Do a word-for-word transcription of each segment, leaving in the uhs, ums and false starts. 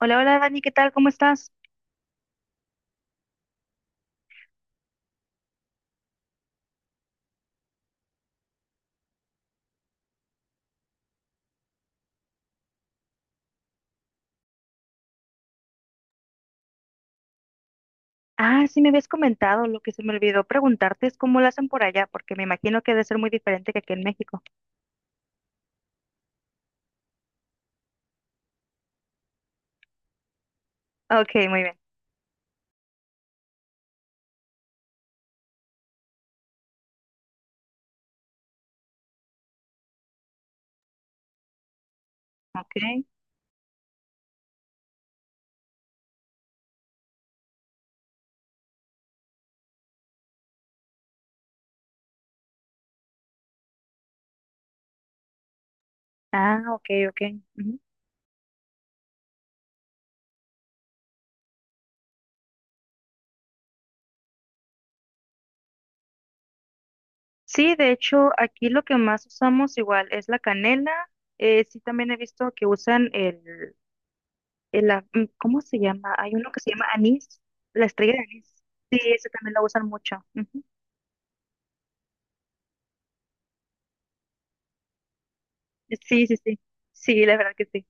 Hola, hola Dani, ¿qué tal? ¿Cómo estás? Ah, sí me habías comentado, lo que se me olvidó preguntarte es cómo lo hacen por allá, porque me imagino que debe ser muy diferente que aquí en México. Ok, muy bien. Ok. Ah, ok, ok. Ujú. Sí, de hecho, aquí lo que más usamos igual es la canela. Eh, sí, también he visto que usan el, el a- mm, ¿cómo se llama? Hay uno que se llama anís, la estrella de anís. Sí, eso también lo usan mucho. Ujú. Sí, sí, sí. Sí, la verdad que sí.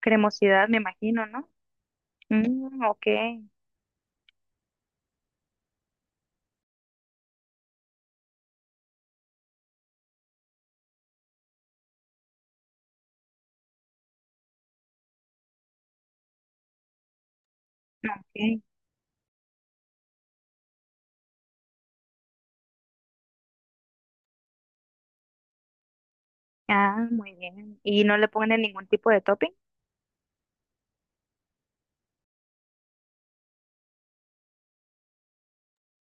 Cremosidad, me imagino, ¿no? Mm, ok. Ok. Ah, muy bien. ¿Y no le ponen ningún tipo de topping?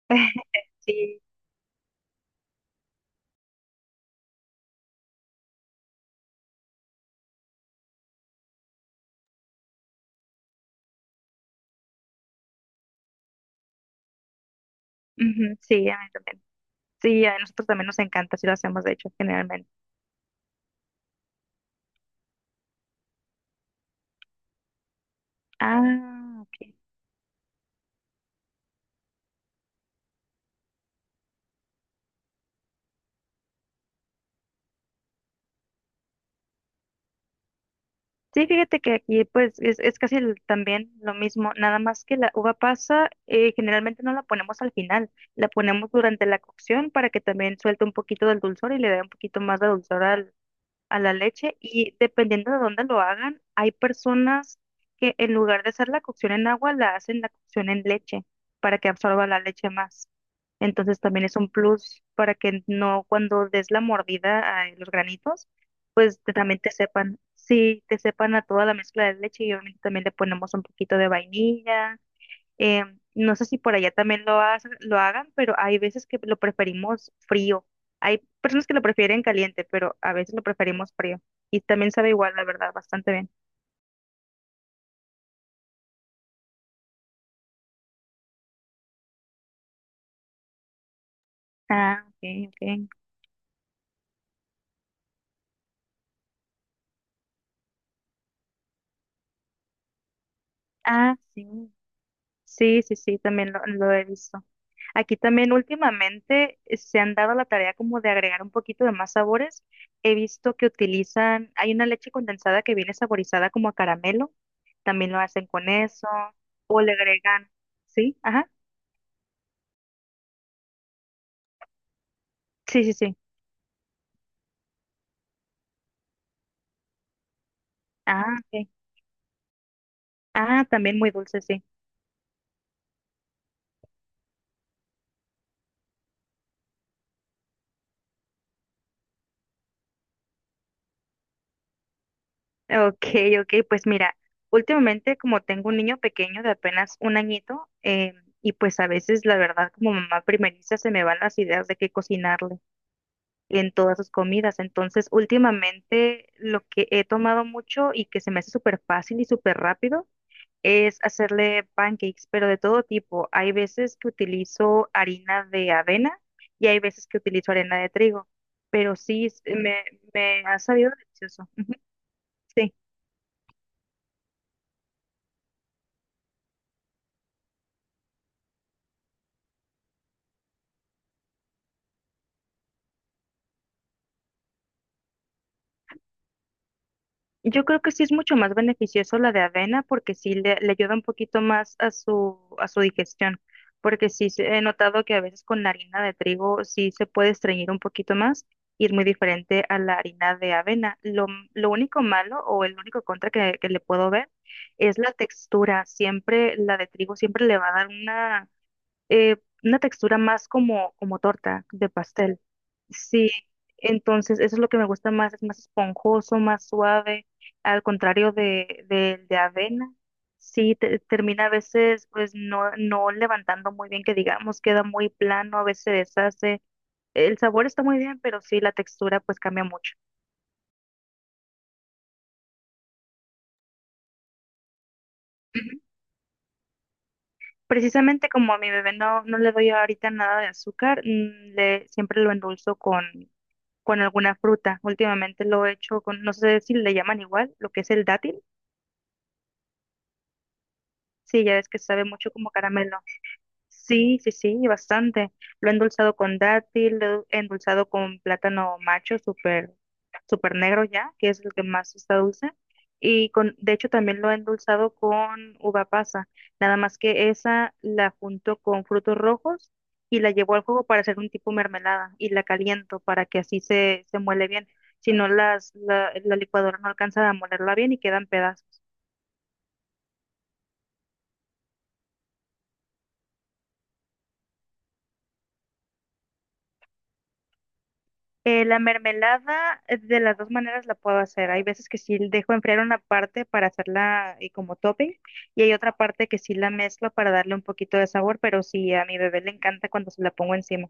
Sí, ujú, sí, a mí también. Sí, a nosotros también nos encanta, si lo hacemos, de hecho, generalmente. Ah, ok. Sí, fíjate que aquí pues es, es casi el- también lo mismo, nada más que la uva pasa, eh, generalmente no la ponemos al final, la ponemos durante la cocción para que también suelte un poquito del dulzor y le dé un poquito más de dulzor al a la leche, y dependiendo de dónde lo hagan, hay personas que en lugar de hacer la cocción en agua, la hacen la cocción en leche para que absorba la leche más. Entonces también es un plus para que no cuando des la mordida a los granitos, pues te- también te sepan, sí, te sepan a toda la mezcla de leche, y obviamente también le ponemos un poquito de vainilla. eh, no sé si por allá también lo, hace- lo hagan, pero hay veces que lo preferimos frío. Hay personas que lo prefieren caliente, pero a veces lo preferimos frío. Y también sabe igual, la verdad, bastante bien. Ah, ok, ok. Ah, sí. Sí, sí, sí, también lo, lo he visto. Aquí también últimamente eh, se han dado la tarea como de agregar un poquito de más sabores. He visto que utilizan, hay una leche condensada que viene saborizada como a caramelo, también lo hacen con eso, o le agregan, ¿sí? Ajá. Sí, sí, sí. Ah, ok. Ah, también muy dulce, sí. Ok, ok, pues mira, últimamente como tengo un niño pequeño de apenas un añito, eh, y pues a veces la verdad como mamá primeriza se me van las ideas de qué cocinarle en todas sus comidas. Entonces últimamente lo que he tomado mucho y que se me hace súper fácil y súper rápido es hacerle pancakes, pero de todo tipo. Hay veces que utilizo harina de avena y hay veces que utilizo harina de trigo, pero sí, es- me, me ha sabido delicioso. Ujú, sí. Yo creo que sí es mucho más beneficioso la de avena porque sí le, le ayuda un poquito más a su, a su digestión, porque sí se- he notado que a veces con la harina de trigo sí se puede estreñir un poquito más y es muy diferente a la harina de avena. Lo, m- lo único malo o el único contra que, que le puedo ver es la textura. Siempre la de trigo siempre le va a dar eh, una textura más como, como torta de pastel. Sí, entonces eso es lo que me gusta más, es más esponjoso, más suave, al contrario de, de, de avena. Sí, te- termina a veces pues no, no levantando muy bien, que digamos, queda muy plano, a veces se deshace. El sabor está muy bien, pero sí, la textura pues cambia mucho. Precisamente como a mi bebé no, no le doy ahorita nada de azúcar, mm, le, siempre lo endulzo con, con alguna fruta. Últimamente lo he hecho con, no sé si le llaman igual, lo que es el dátil. Sí, ya ves que sabe mucho como caramelo. Sí, sí, sí, bastante. Lo he endulzado con dátil, lo he endulzado con plátano macho, súper, súper negro ya, que es el que más está dulce. Y con, de hecho, también lo he endulzado con uva pasa. Nada más que esa la junto con frutos rojos y la llevo al fuego para hacer un tipo mermelada y la caliento para que así se, se muele bien. Si no, las, la, la licuadora no alcanza a molerla bien y quedan pedazos. Eh, la mermelada, eh, de las dos maneras la puedo hacer. Hay veces que sí dejo enfriar una parte para hacerla, eh, como topping, y hay otra parte que sí la mezclo para darle un poquito de sabor, pero sí, a mi bebé le encanta cuando se la pongo encima.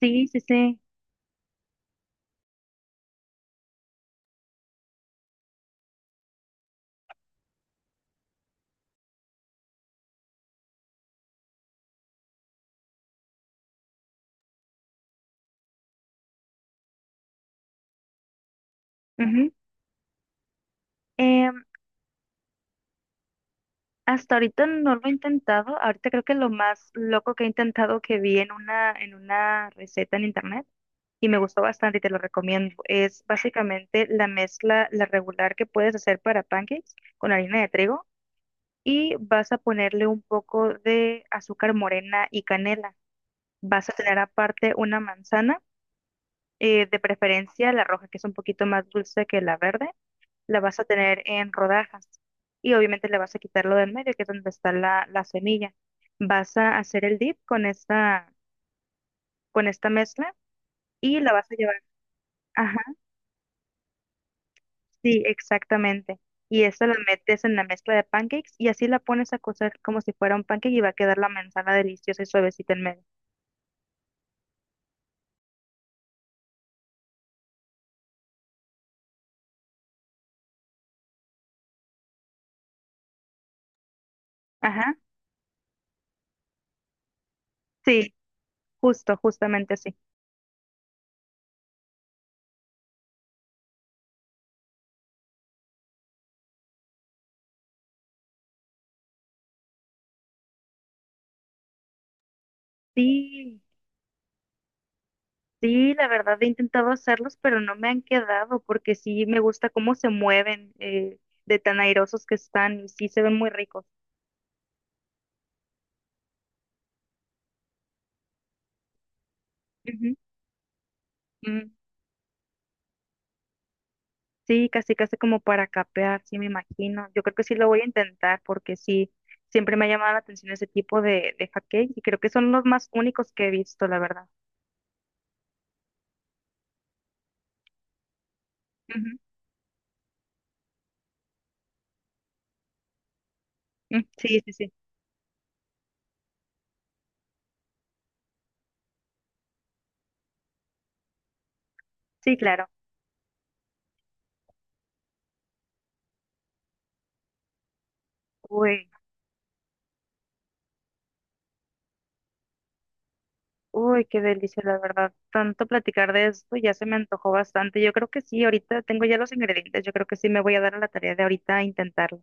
Sí, sí, sí. Ujú. Em, Hasta ahorita no lo he intentado. Ahorita creo que lo más loco que he intentado que vi en una, en una receta en internet y me gustó bastante y te lo recomiendo. Es básicamente la mezcla, la regular que puedes hacer para pancakes con harina de trigo y vas a ponerle un poco de azúcar morena y canela. Vas a tener aparte una manzana, eh, de preferencia la roja, que es un poquito más dulce que la verde, la vas a tener en rodajas y obviamente le vas a quitar lo del medio, que es donde está la, la semilla. Vas a hacer el dip con esta, con esta mezcla y la vas a llevar. Ajá, sí, exactamente. Y esta la metes en la mezcla de pancakes y así la pones a cocer como si fuera un pancake y va a quedar la manzana deliciosa y suavecita en medio. Ajá. Sí, justo, justamente así. Sí, sí, la verdad he intentado hacerlos, pero no me han quedado porque sí me gusta cómo se mueven, eh, de tan airosos que están y sí se ven muy ricos. Ujú, mm, sí, casi, casi como para capear, sí me imagino. Yo creo que sí lo voy a intentar porque sí, siempre me ha llamado la atención ese tipo de, de hotcakes y creo que son los más únicos que he visto, la verdad. Ujú, mm, sí, sí, sí. Sí, claro. Uy. Uy, qué delicia, la verdad. Tanto platicar de esto ya se me antojó bastante. Yo creo que sí, ahorita tengo ya los ingredientes. Yo creo que sí me voy a dar a la tarea de ahorita intentarlo.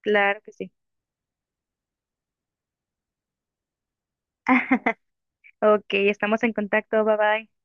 Claro que sí. Ok, estamos en contacto. Bye bye.